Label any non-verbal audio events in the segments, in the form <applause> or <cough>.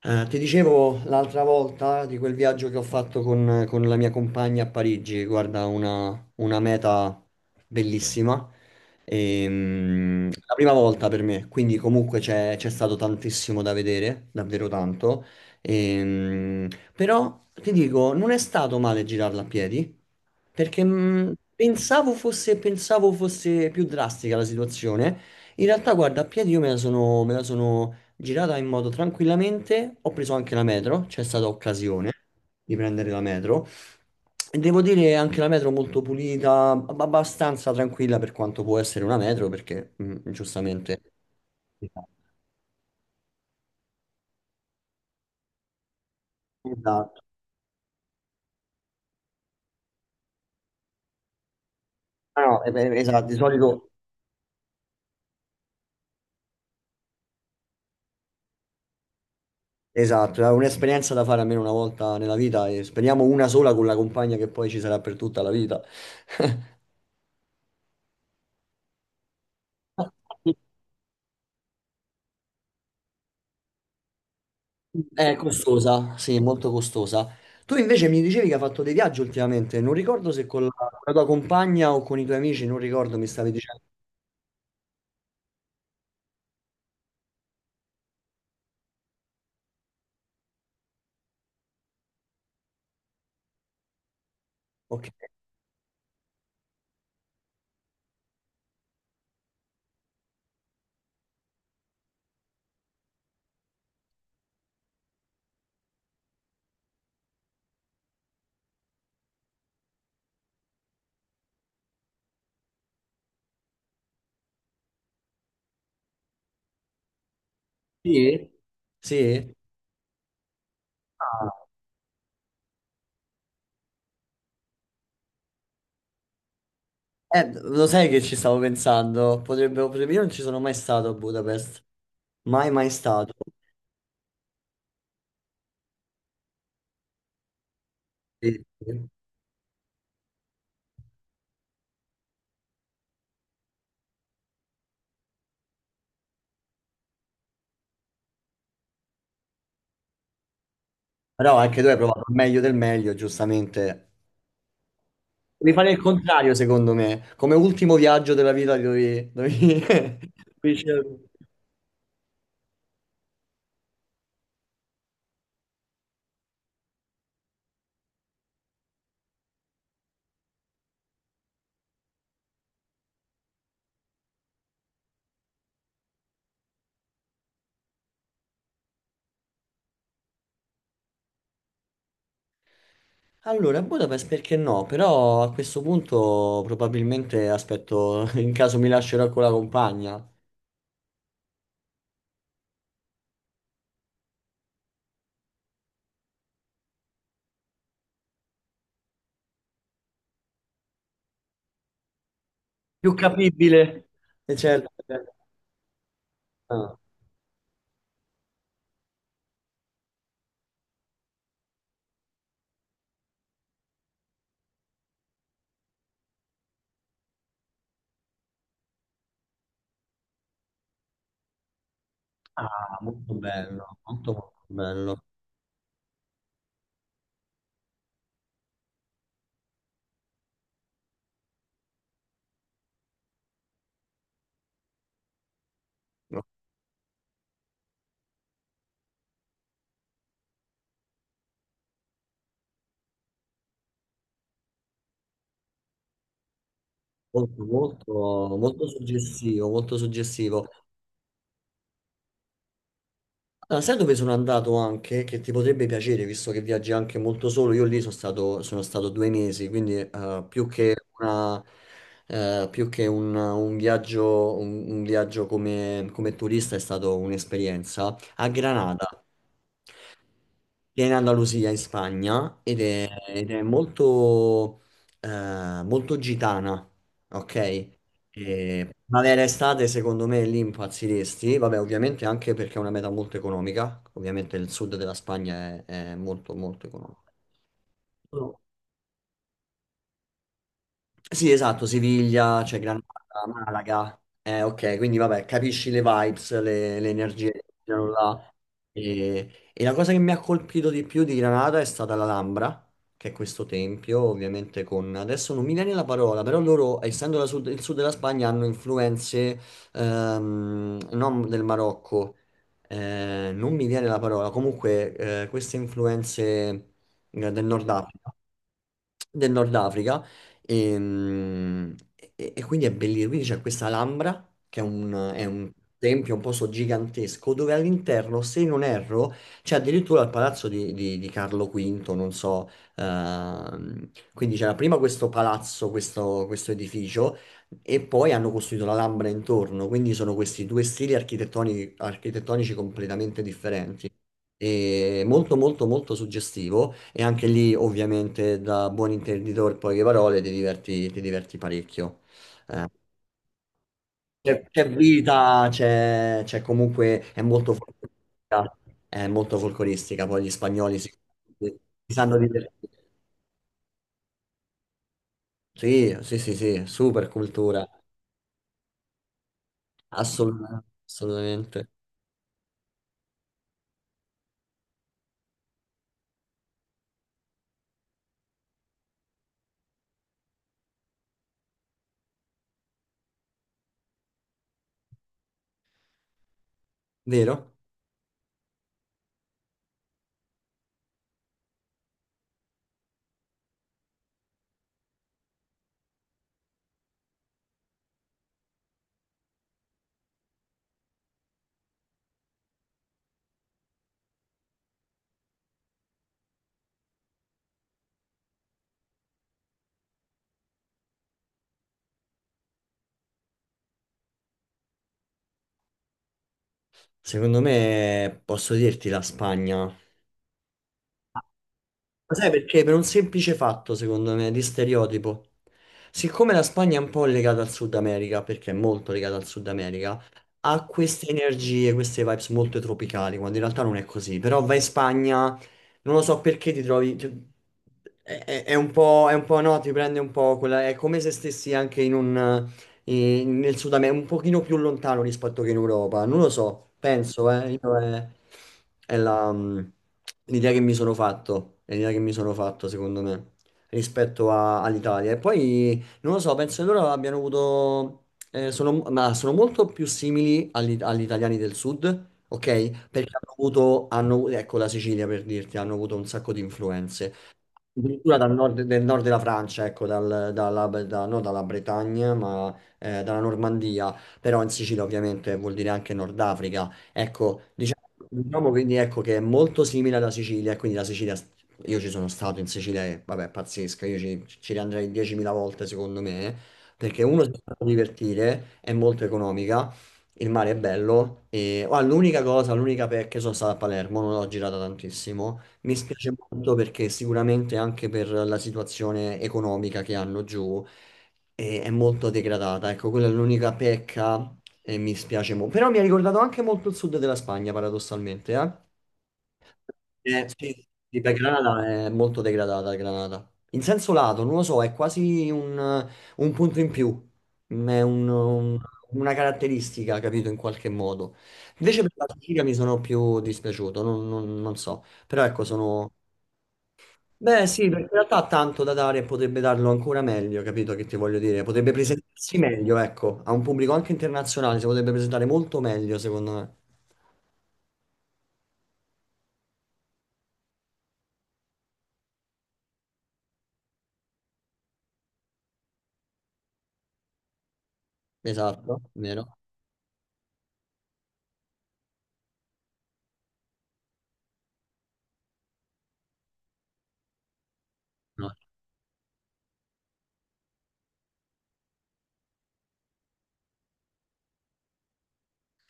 Ti dicevo l'altra volta di quel viaggio che ho fatto con la mia compagna a Parigi, guarda, una meta bellissima. La prima volta per me, quindi comunque c'è stato tantissimo da vedere, davvero tanto. Ehm, Però ti dico, non è stato male girarla a piedi, perché pensavo fosse più drastica la situazione. In realtà, guarda, a piedi io me la sono girata in modo tranquillamente, ho preso anche la metro, c'è stata occasione di prendere la metro e devo dire anche la metro molto pulita, abbastanza tranquilla per quanto può essere una metro perché giustamente. Esatto. Ah, no, eh beh, esatto, di solito esatto, è un'esperienza da fare almeno una volta nella vita e speriamo una sola con la compagna che poi ci sarà per tutta la vita. <laughs> È costosa, sì, molto costosa. Tu invece mi dicevi che hai fatto dei viaggi ultimamente, non ricordo se con la tua compagna o con i tuoi amici, non ricordo, mi stavi dicendo. Ok. Sì? Sì? Ah. Lo sai che ci stavo pensando, io non ci sono mai stato a Budapest, mai mai stato. Sì, sì. Però anche tu hai provato il meglio del meglio, giustamente. Devi fare il contrario, secondo me, come ultimo viaggio della vita <laughs> dovevi scegliere. Allora, Budapest perché no? Però a questo punto probabilmente aspetto, <laughs> in caso mi lascerò con la compagna. Più capibile. E certo, ah. Ah, molto bello, molto molto bello. Molto, molto, molto suggestivo, molto suggestivo. Ah, sai dove sono andato anche? Che ti potrebbe piacere, visto che viaggi anche molto solo. Io lì sono stato 2 mesi, quindi più che un viaggio come turista è stato un'esperienza a Granada. Viene in Andalusia in Spagna ed è eh, molto gitana, ok? E primavera e estate secondo me lì impazziresti, vabbè ovviamente anche perché è una meta molto economica, ovviamente il sud della Spagna è molto molto economico. Sì, esatto, Siviglia, c'è Granata, Malaga. Ok, quindi vabbè, capisci le vibes, le energie che c'erano là. E la cosa che mi ha colpito di più di Granada è stata l'Alhambra, che è questo tempio, ovviamente. Adesso non mi viene la parola, però loro, essendo il sud della Spagna, hanno influenze non del Marocco, non mi viene la parola, comunque queste influenze eh, del Nord Africa del Nord Africa e, e quindi è bellissimo. Quindi c'è questa Alhambra, che è un tempio, un posto gigantesco, dove all'interno, se non erro, c'è addirittura il palazzo di Carlo V, non so. Quindi c'era prima questo palazzo, questo edificio, e poi hanno costruito la l'Alhambra intorno. Quindi sono questi due stili architettonici completamente differenti. E molto, molto, molto suggestivo. E anche lì, ovviamente, da buon intenditore, poche parole, ti diverti parecchio. Eh, c'è vita, c'è comunque, è molto folcloristica, poi gli spagnoli si sanno divertire. Sì, sì, sì, sì, super cultura, assolutamente, assolutamente. Vero? Secondo me posso dirti la Spagna. Ma sai perché? Per un semplice fatto, secondo me, di stereotipo. Siccome la Spagna è un po' legata al Sud America, perché è molto legata al Sud America, ha queste energie, queste vibes molto tropicali, quando in realtà non è così. Però vai in Spagna, non lo so perché ti trovi... ti- È, è- è un po', no, ti prende un po' quella. È come se stessi anche nel Sud America, un pochino più lontano rispetto che in Europa. Non lo so, penso, io è la, l'idea che mi sono fatto, è l'idea che mi sono fatto, secondo me, rispetto all'Italia. E poi, non lo so, penso che loro abbiano avuto, ma sono molto più simili agli italiani del Sud. Ok, perché hanno avuto, hanno, ecco la Sicilia per dirti, hanno avuto un sacco di influenze. Addirittura del nord della Francia, ecco, non dalla Bretagna, ma dalla Normandia, però in Sicilia ovviamente vuol dire anche Nord Africa. Ecco, diciamo quindi ecco che è molto simile alla Sicilia, e quindi la Sicilia, io ci sono stato in Sicilia, e, vabbè, è pazzesca, io ci riandrei 10.000 volte secondo me, perché uno si fa divertire, è molto economica, il mare è bello, e ah, l'unica cosa, l'unica pecca, sono stato a Palermo, non l'ho girata tantissimo. Mi spiace molto perché sicuramente anche per la situazione economica che hanno giù è molto degradata. Ecco, quella è l'unica pecca e mi spiace molto. Però mi ha ricordato anche molto il sud della Spagna, paradossalmente. Eh? Sì, sì, per Granada è molto degradata, Granada. In senso lato, non lo so, è quasi un punto in più. Mm, È un- un- una caratteristica, capito, in qualche modo. Invece per la Sicilia mi sono più dispiaciuto, non so. Però ecco, sono. Beh, sì, perché in realtà ha tanto da dare e potrebbe darlo ancora meglio, capito che ti voglio dire? Potrebbe presentarsi meglio, ecco, a un pubblico anche internazionale, si potrebbe presentare molto meglio, secondo me. Esatto, vero? No.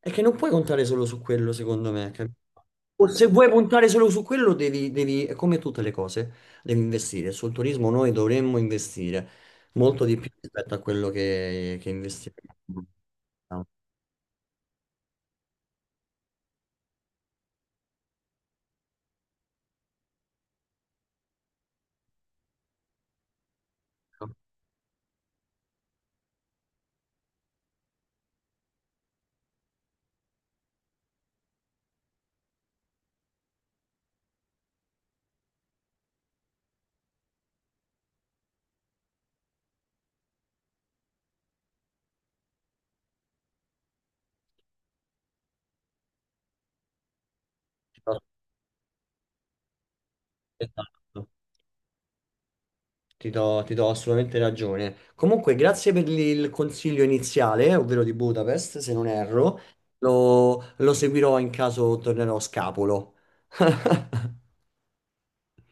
È che non puoi contare solo su quello, secondo me, capito? O se vuoi puntare solo su quello, devi, è come tutte le cose, devi investire. Sul turismo noi dovremmo investire molto di più rispetto a quello che investiamo. Esatto. Ti do assolutamente ragione. Comunque, grazie per il consiglio iniziale, ovvero di Budapest, se non erro. Lo seguirò in caso tornerò scapolo. <laughs>